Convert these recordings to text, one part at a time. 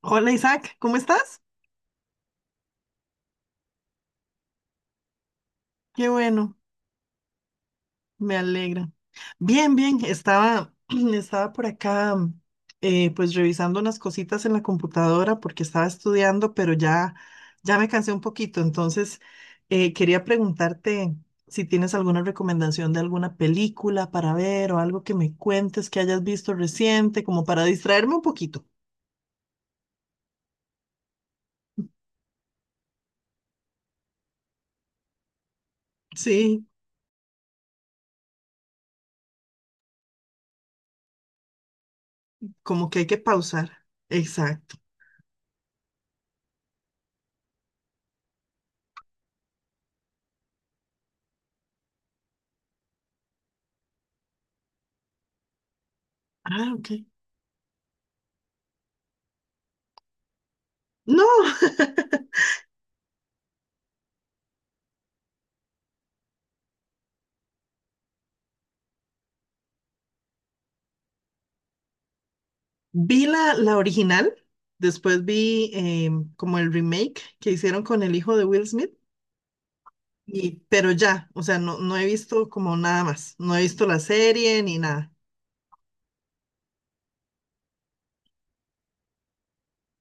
Hola, Isaac, ¿cómo estás? Qué bueno, me alegra. Bien, bien, estaba, estaba por acá, pues revisando unas cositas en la computadora porque estaba estudiando, pero ya, ya me cansé un poquito, entonces quería preguntarte si tienes alguna recomendación de alguna película para ver o algo que me cuentes que hayas visto reciente, como para distraerme un poquito. Sí, como que hay que pausar. Exacto. Ah, ok. No. Vi la original, después vi como el remake que hicieron con el hijo de Will Smith, y, pero ya, o sea, no, no he visto como nada más, no he visto la serie ni nada.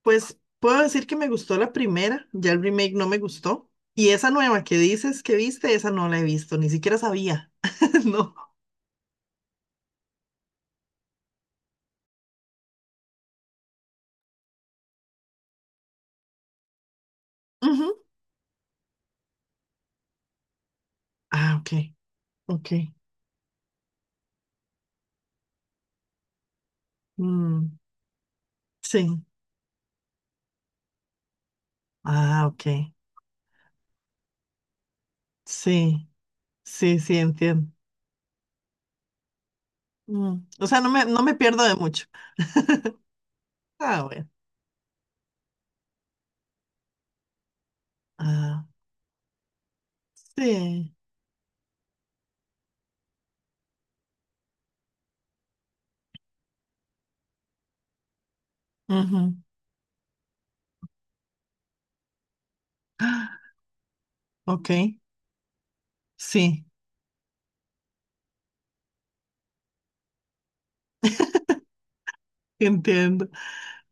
Pues puedo decir que me gustó la primera, ya el remake no me gustó, y esa nueva que dices que viste, esa no la he visto, ni siquiera sabía, no. Ujú. Ah, ok, ok. Mm, sí. Ah, ok. Sí, sí, sí, entiendo. O sea, no me pierdo de mucho. Ah, bueno. Ah, sí. Ujú. Ok, sí, entiendo.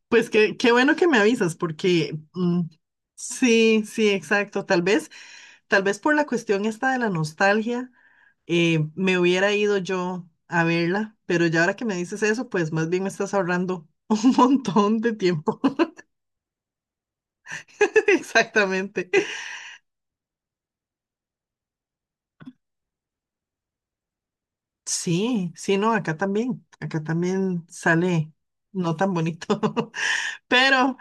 Pues que, qué bueno que me avisas, porque sí, sí, exacto. Tal vez por la cuestión esta de la nostalgia, me hubiera ido yo a verla, pero ya ahora que me dices eso, pues más bien me estás ahorrando un montón de tiempo. Exactamente. Sí, sí, no, acá también. Acá también sale no tan bonito. Pero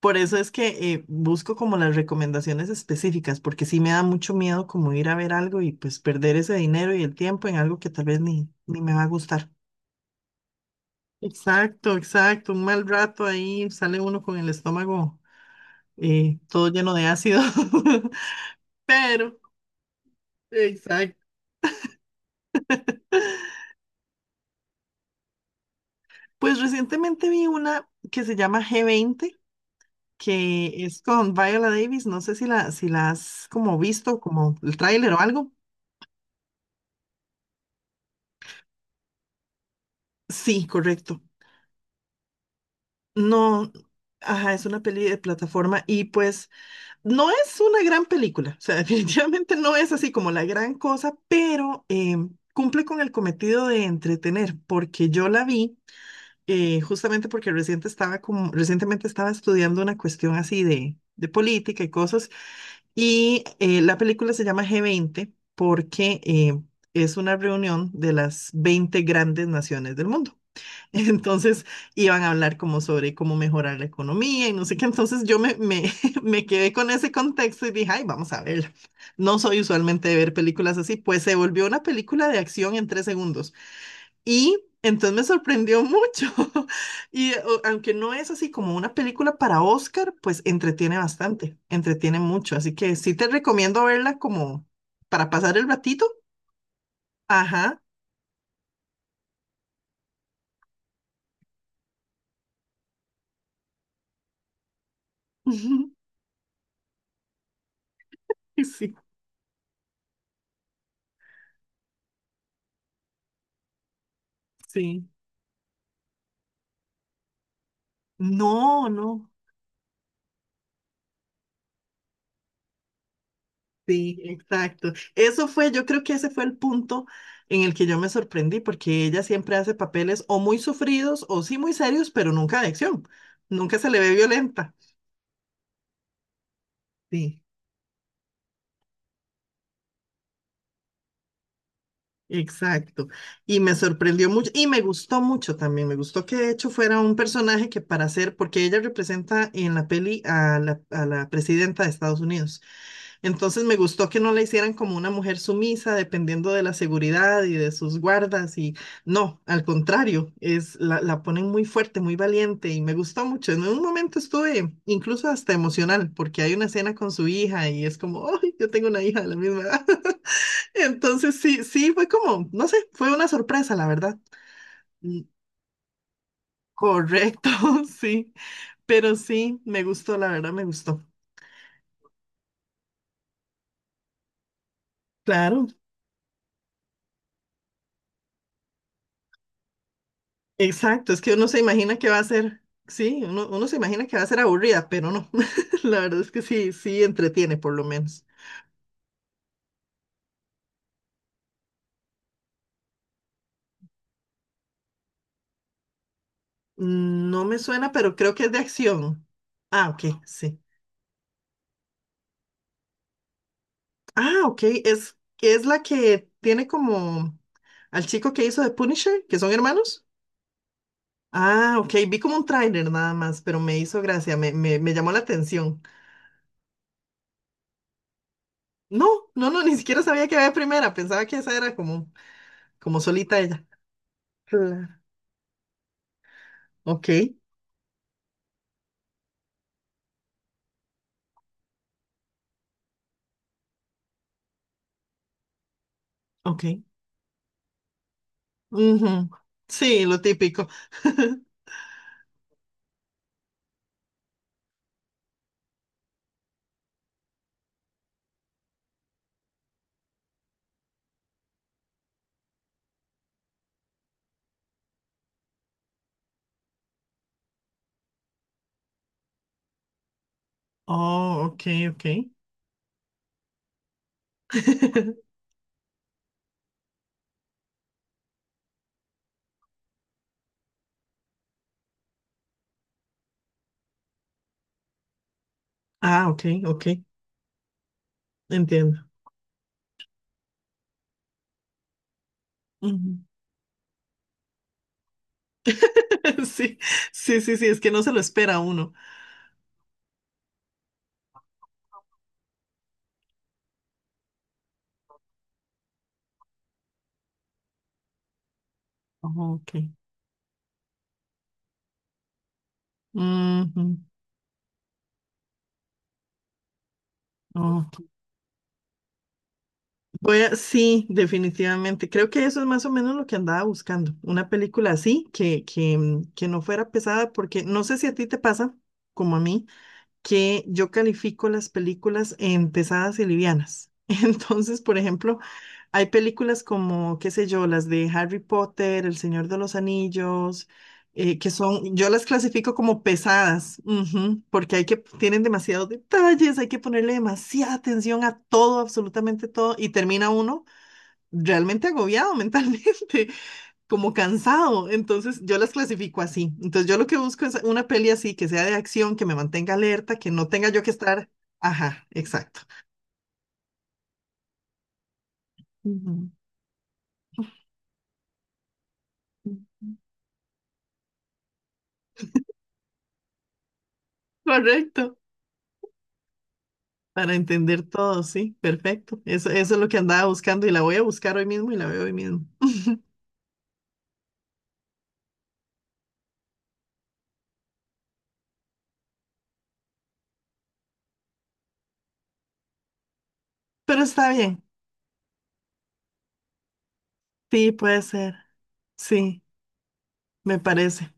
por eso es que busco como las recomendaciones específicas, porque sí me da mucho miedo como ir a ver algo y pues perder ese dinero y el tiempo en algo que tal vez ni, ni me va a gustar. Exacto, exacto. Un mal rato ahí sale uno con el estómago todo lleno de ácido. Pero, exacto. Pues recientemente vi una que se llama G20, que es con Viola Davis. No sé si la has como visto, como el tráiler o algo. Sí, correcto. No, ajá, es una peli de plataforma y pues no es una gran película, o sea, definitivamente no es así como la gran cosa, pero cumple con el cometido de entretener, porque yo la vi justamente porque reciente estaba como, recientemente estaba estudiando una cuestión así de política y cosas, y la película se llama G20 porque es una reunión de las 20 grandes naciones del mundo. Entonces iban a hablar como sobre cómo mejorar la economía y no sé qué. Entonces yo me quedé con ese contexto y dije, ay, vamos a verla. No soy usualmente de ver películas así, pues se volvió una película de acción en 3 segundos. Y entonces me sorprendió mucho. Y aunque no es así como una película para Oscar, pues entretiene bastante, entretiene mucho. Así que sí te recomiendo verla como para pasar el ratito. Ajá. Sí, sí. No, no. Sí, exacto. Eso fue, yo creo que ese fue el punto en el que yo me sorprendí, porque ella siempre hace papeles o muy sufridos o sí muy serios, pero nunca de acción. Nunca se le ve violenta. Sí, exacto. Y me sorprendió mucho y me gustó mucho también. Me gustó que de hecho fuera un personaje que para ser, porque ella representa en la peli a la presidenta de Estados Unidos. Entonces me gustó que no la hicieran como una mujer sumisa, dependiendo de la seguridad y de sus guardas. Y no, al contrario, es la ponen muy fuerte, muy valiente y me gustó mucho. En un momento estuve incluso hasta emocional, porque hay una escena con su hija y es como, ¡ay, yo tengo una hija de la misma edad! Entonces sí, sí, fue como, no sé, fue una sorpresa, la verdad. Mm, correcto, sí, pero sí, me gustó, la verdad me gustó. Claro. Exacto, es que uno se imagina que va a ser, sí, uno, uno se imagina que va a ser aburrida, pero no. La verdad es que sí, sí entretiene por lo menos. No me suena, pero creo que es de acción. Ah, ok, sí. Ah, ok, es la que tiene como al chico que hizo de Punisher, que son hermanos. Ah, ok, vi como un tráiler nada más, pero me hizo gracia, me llamó la atención. No, no, no, ni siquiera sabía que había primera, pensaba que esa era como, como solita ella. Claro. Ok, ok. Ujú. Sí, lo típico. Oh, ok, ok. Ah, ok, ok. Entiendo. Ujú. Sí, sí, sí, sí, es que no se lo espera uno. Oh, ok. Ujú. Oh. Voy a, sí, definitivamente. Creo que eso es más o menos lo que andaba buscando. Una película así, que no fuera pesada, porque no sé si a ti te pasa, como a mí, que yo califico las películas en pesadas y livianas. Entonces, por ejemplo, hay películas como, qué sé yo, las de Harry Potter, El Señor de los Anillos, que son, yo las clasifico como pesadas, ujú, porque hay que, tienen demasiados detalles, hay que ponerle demasiada atención a todo, absolutamente todo, y termina uno realmente agobiado mentalmente, como cansado. Entonces yo las clasifico así. Entonces yo lo que busco es una peli así, que sea de acción, que me mantenga alerta, que no tenga yo que estar. Ajá, exacto. Ujú. Correcto. Para entender todo, sí, perfecto. Eso es lo que andaba buscando y la voy a buscar hoy mismo y la veo hoy mismo. Pero está bien. Sí, puede ser. Sí, me parece.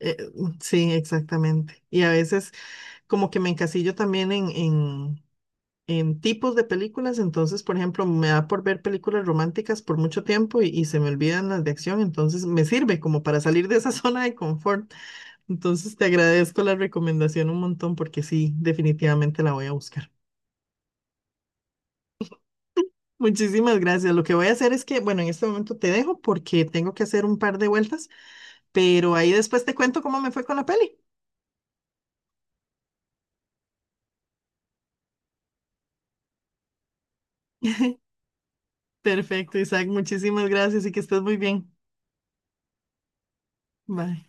Eh, sí, exactamente. Y a veces como que me encasillo también en, en tipos de películas, entonces, por ejemplo, me da por ver películas románticas por mucho tiempo y se me olvidan las de acción, entonces me sirve como para salir de esa zona de confort. Entonces, te agradezco la recomendación un montón porque sí, definitivamente la voy a buscar. Muchísimas gracias. Lo que voy a hacer es que, bueno, en este momento te dejo porque tengo que hacer un par de vueltas, pero ahí después te cuento cómo me fue con la peli. Perfecto, Isaac. Muchísimas gracias y que estés muy bien. Bye.